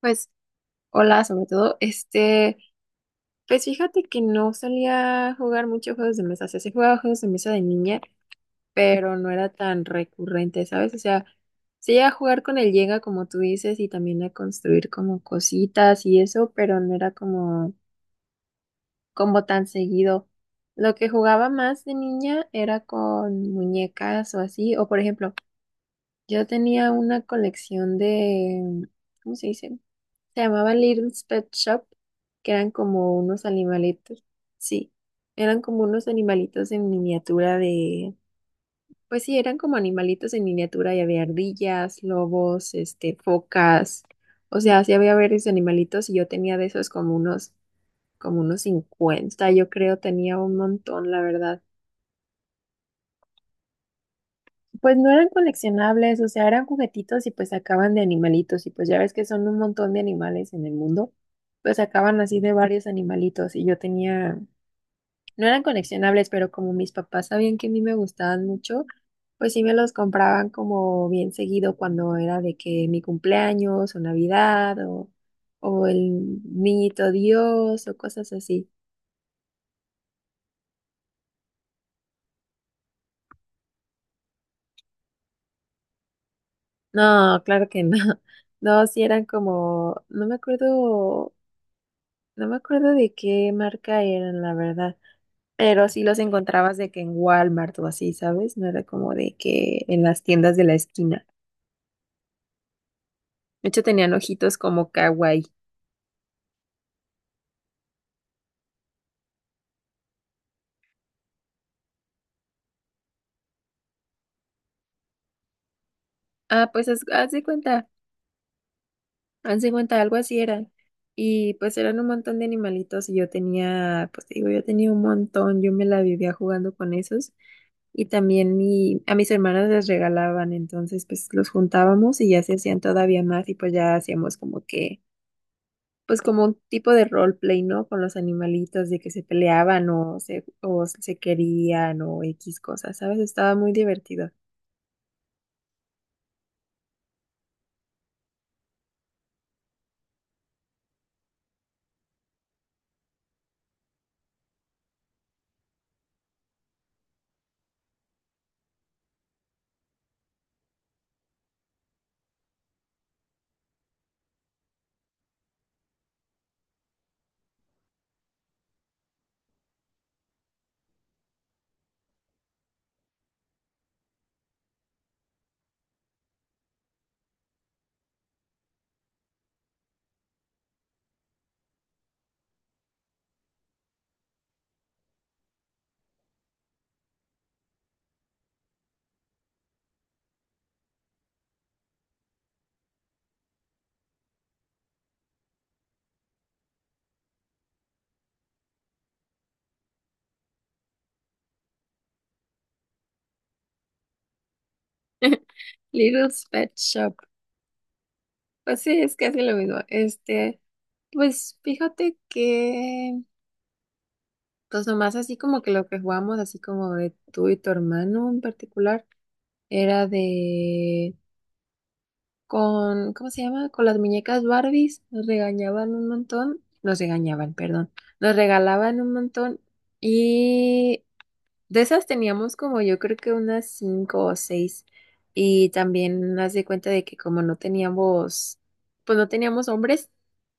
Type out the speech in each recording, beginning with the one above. Pues, hola, sobre todo, pues fíjate que no solía jugar mucho juegos de mesa, o sea, sí jugaba juegos de mesa de niña, pero no era tan recurrente, ¿sabes? O sea, sí a jugar con el Llega, como tú dices, y también a construir como cositas y eso, pero no era como, como tan seguido. Lo que jugaba más de niña era con muñecas o así, o por ejemplo, yo tenía una colección de, ¿cómo se dice? Se llamaban Little's Pet Shop, que eran como unos animalitos. Sí, eran como unos animalitos en miniatura de... Pues sí, eran como animalitos en miniatura y había ardillas, lobos, focas. O sea, sí había varios animalitos y yo tenía de esos como unos 50 yo creo, tenía un montón, la verdad. Pues no eran coleccionables, o sea, eran juguetitos y pues sacaban de animalitos y pues ya ves que son un montón de animales en el mundo, pues sacaban así de varios animalitos y yo tenía, no eran coleccionables, pero como mis papás sabían que a mí me gustaban mucho, pues sí me los compraban como bien seguido cuando era de que mi cumpleaños o Navidad o el niñito Dios o cosas así. No, claro que no. No, sí eran como, no me acuerdo. No me acuerdo de qué marca eran, la verdad. Pero sí los encontrabas de que en Walmart o así, ¿sabes? No era como de que en las tiendas de la esquina. De hecho, tenían ojitos como kawaii. Ah, pues haz de cuenta, algo así eran. Y pues eran un montón de animalitos y yo tenía, pues te digo, yo tenía un montón, yo me la vivía jugando con esos. Y también a mis hermanas les regalaban, entonces pues los juntábamos y ya se hacían todavía más y pues ya hacíamos como que pues como un tipo de roleplay, ¿no? Con los animalitos de que se peleaban o se querían o X cosas, ¿sabes? Estaba muy divertido. Little's Pet Shop. Pues sí, es casi lo mismo. Pues fíjate que, pues nomás así como que lo que jugamos, así como de tú y tu hermano en particular, era de con, ¿cómo se llama? Con las muñecas Barbies, nos regañaban un montón, nos regañaban, perdón, nos regalaban un montón y de esas teníamos como yo creo que unas cinco o seis y también haz de cuenta de que como no teníamos, pues no teníamos hombres,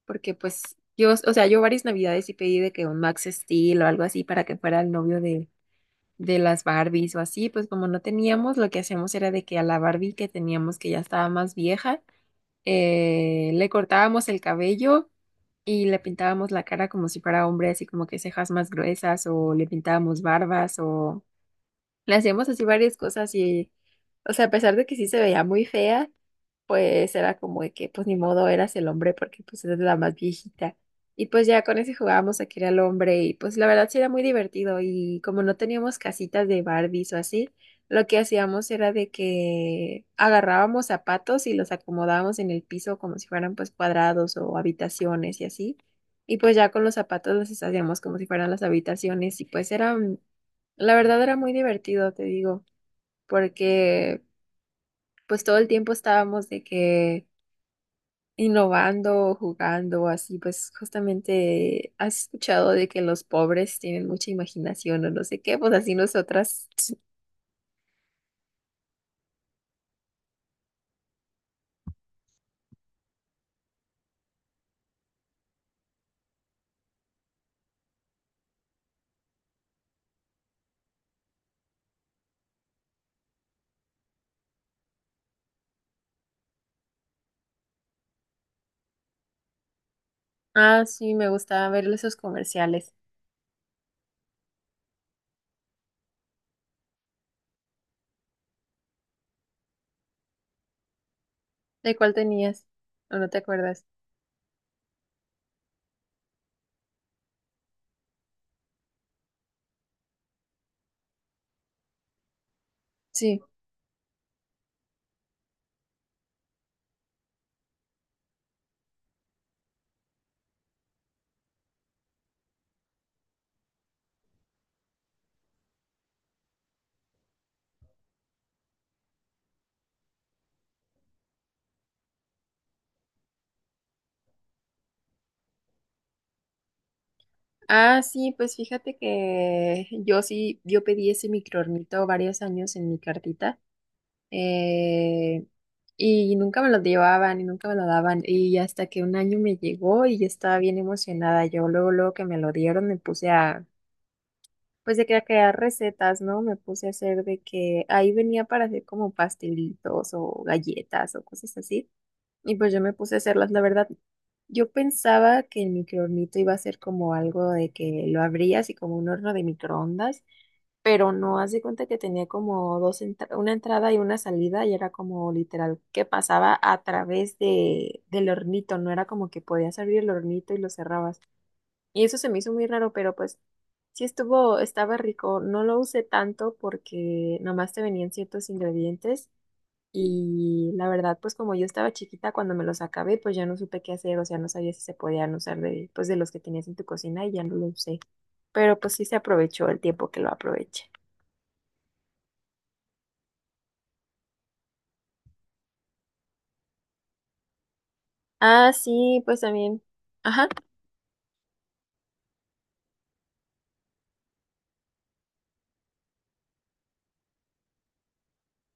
porque pues yo, o sea, yo varias navidades sí pedí de que un Max Steel o algo así para que fuera el novio de las Barbies o así, pues como no teníamos, lo que hacíamos era de que a la Barbie que teníamos que ya estaba más vieja, le cortábamos el cabello y le pintábamos la cara como si fuera hombre, así como que cejas más gruesas o le pintábamos barbas o... Le hacíamos así varias cosas y, o sea, a pesar de que sí se veía muy fea, pues era como de que, pues ni modo, eras el hombre porque pues eres la más viejita. Y pues ya con ese jugábamos a que era el hombre y pues la verdad sí era muy divertido y como no teníamos casitas de Barbies o así, lo que hacíamos era de que agarrábamos zapatos y los acomodábamos en el piso como si fueran pues cuadrados o habitaciones y así. Y pues ya con los zapatos los hacíamos como si fueran las habitaciones y pues era la verdad era muy divertido, te digo, porque pues todo el tiempo estábamos de que innovando, jugando, así pues justamente has escuchado de que los pobres tienen mucha imaginación o no sé qué, pues así nosotras. Ah, sí, me gustaba ver esos comerciales. ¿De cuál tenías? ¿O no te acuerdas? Sí. Ah, sí, pues fíjate que yo sí, yo pedí ese microornito varios años en mi cartita. eh, y nunca me lo llevaban y nunca me lo daban. Y hasta que un año me llegó y yo estaba bien emocionada. Yo luego, luego que me lo dieron, pues de que a crear recetas, ¿no? Me puse a hacer de que ahí venía para hacer como pastelitos o galletas o cosas así. Y pues yo me puse a hacerlas, la verdad. Yo pensaba que el microornito iba a ser como algo de que lo abrías y como un horno de microondas, pero no, haz de cuenta que tenía como una entrada y una salida y era como literal que pasaba a través de del hornito, no era como que podías abrir el hornito y lo cerrabas. Y eso se me hizo muy raro, pero pues estaba rico. No lo usé tanto porque nomás te venían ciertos ingredientes. Y la verdad, pues como yo estaba chiquita, cuando me los acabé, pues ya no supe qué hacer, o sea, no sabía si se podían usar de, pues de los que tenías en tu cocina y ya no lo usé. Pero pues sí se aprovechó el tiempo que lo aproveché. Ah, sí, pues también. Ajá.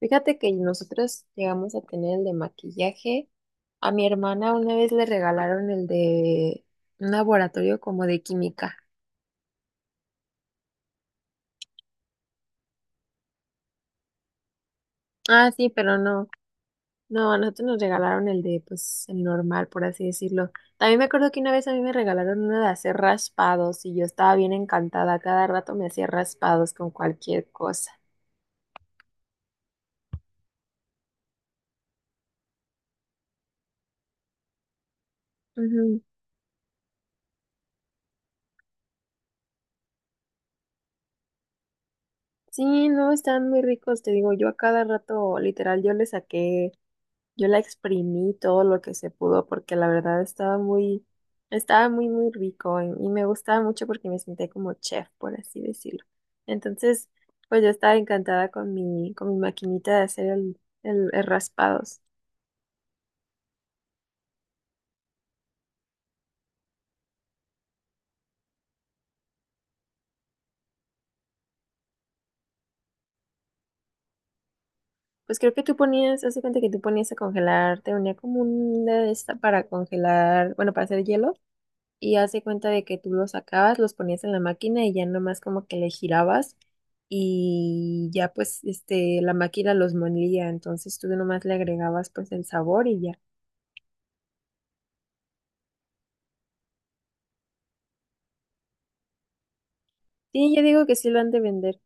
Fíjate que nosotros llegamos a tener el de maquillaje. A mi hermana una vez le regalaron el de un laboratorio como de química. Ah, sí, pero no. No, a nosotros nos regalaron el de, pues, el normal, por así decirlo. También me acuerdo que una vez a mí me regalaron uno de hacer raspados y yo estaba bien encantada. Cada rato me hacía raspados con cualquier cosa. Ujú. Sí, no, están muy ricos, te digo, yo a cada rato, literal, yo le saqué. Yo la exprimí todo lo que se pudo porque la verdad estaba muy, muy rico y me gustaba mucho porque me sentía como chef, por así decirlo. Entonces, pues yo estaba encantada con con mi maquinita de hacer el raspados. Pues creo que tú ponías, hace cuenta que tú ponías a congelar, te unía como una de esta para congelar, bueno, para hacer hielo y hace cuenta de que tú los sacabas, los ponías en la máquina y ya nomás como que le girabas y ya pues este la máquina los molía, entonces tú nomás le agregabas pues el sabor y ya. Sí, yo digo que sí lo han de vender.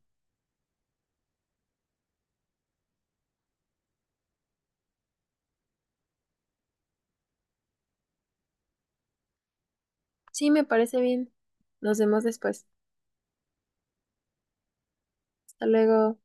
Sí, me parece bien. Nos vemos después. Hasta luego.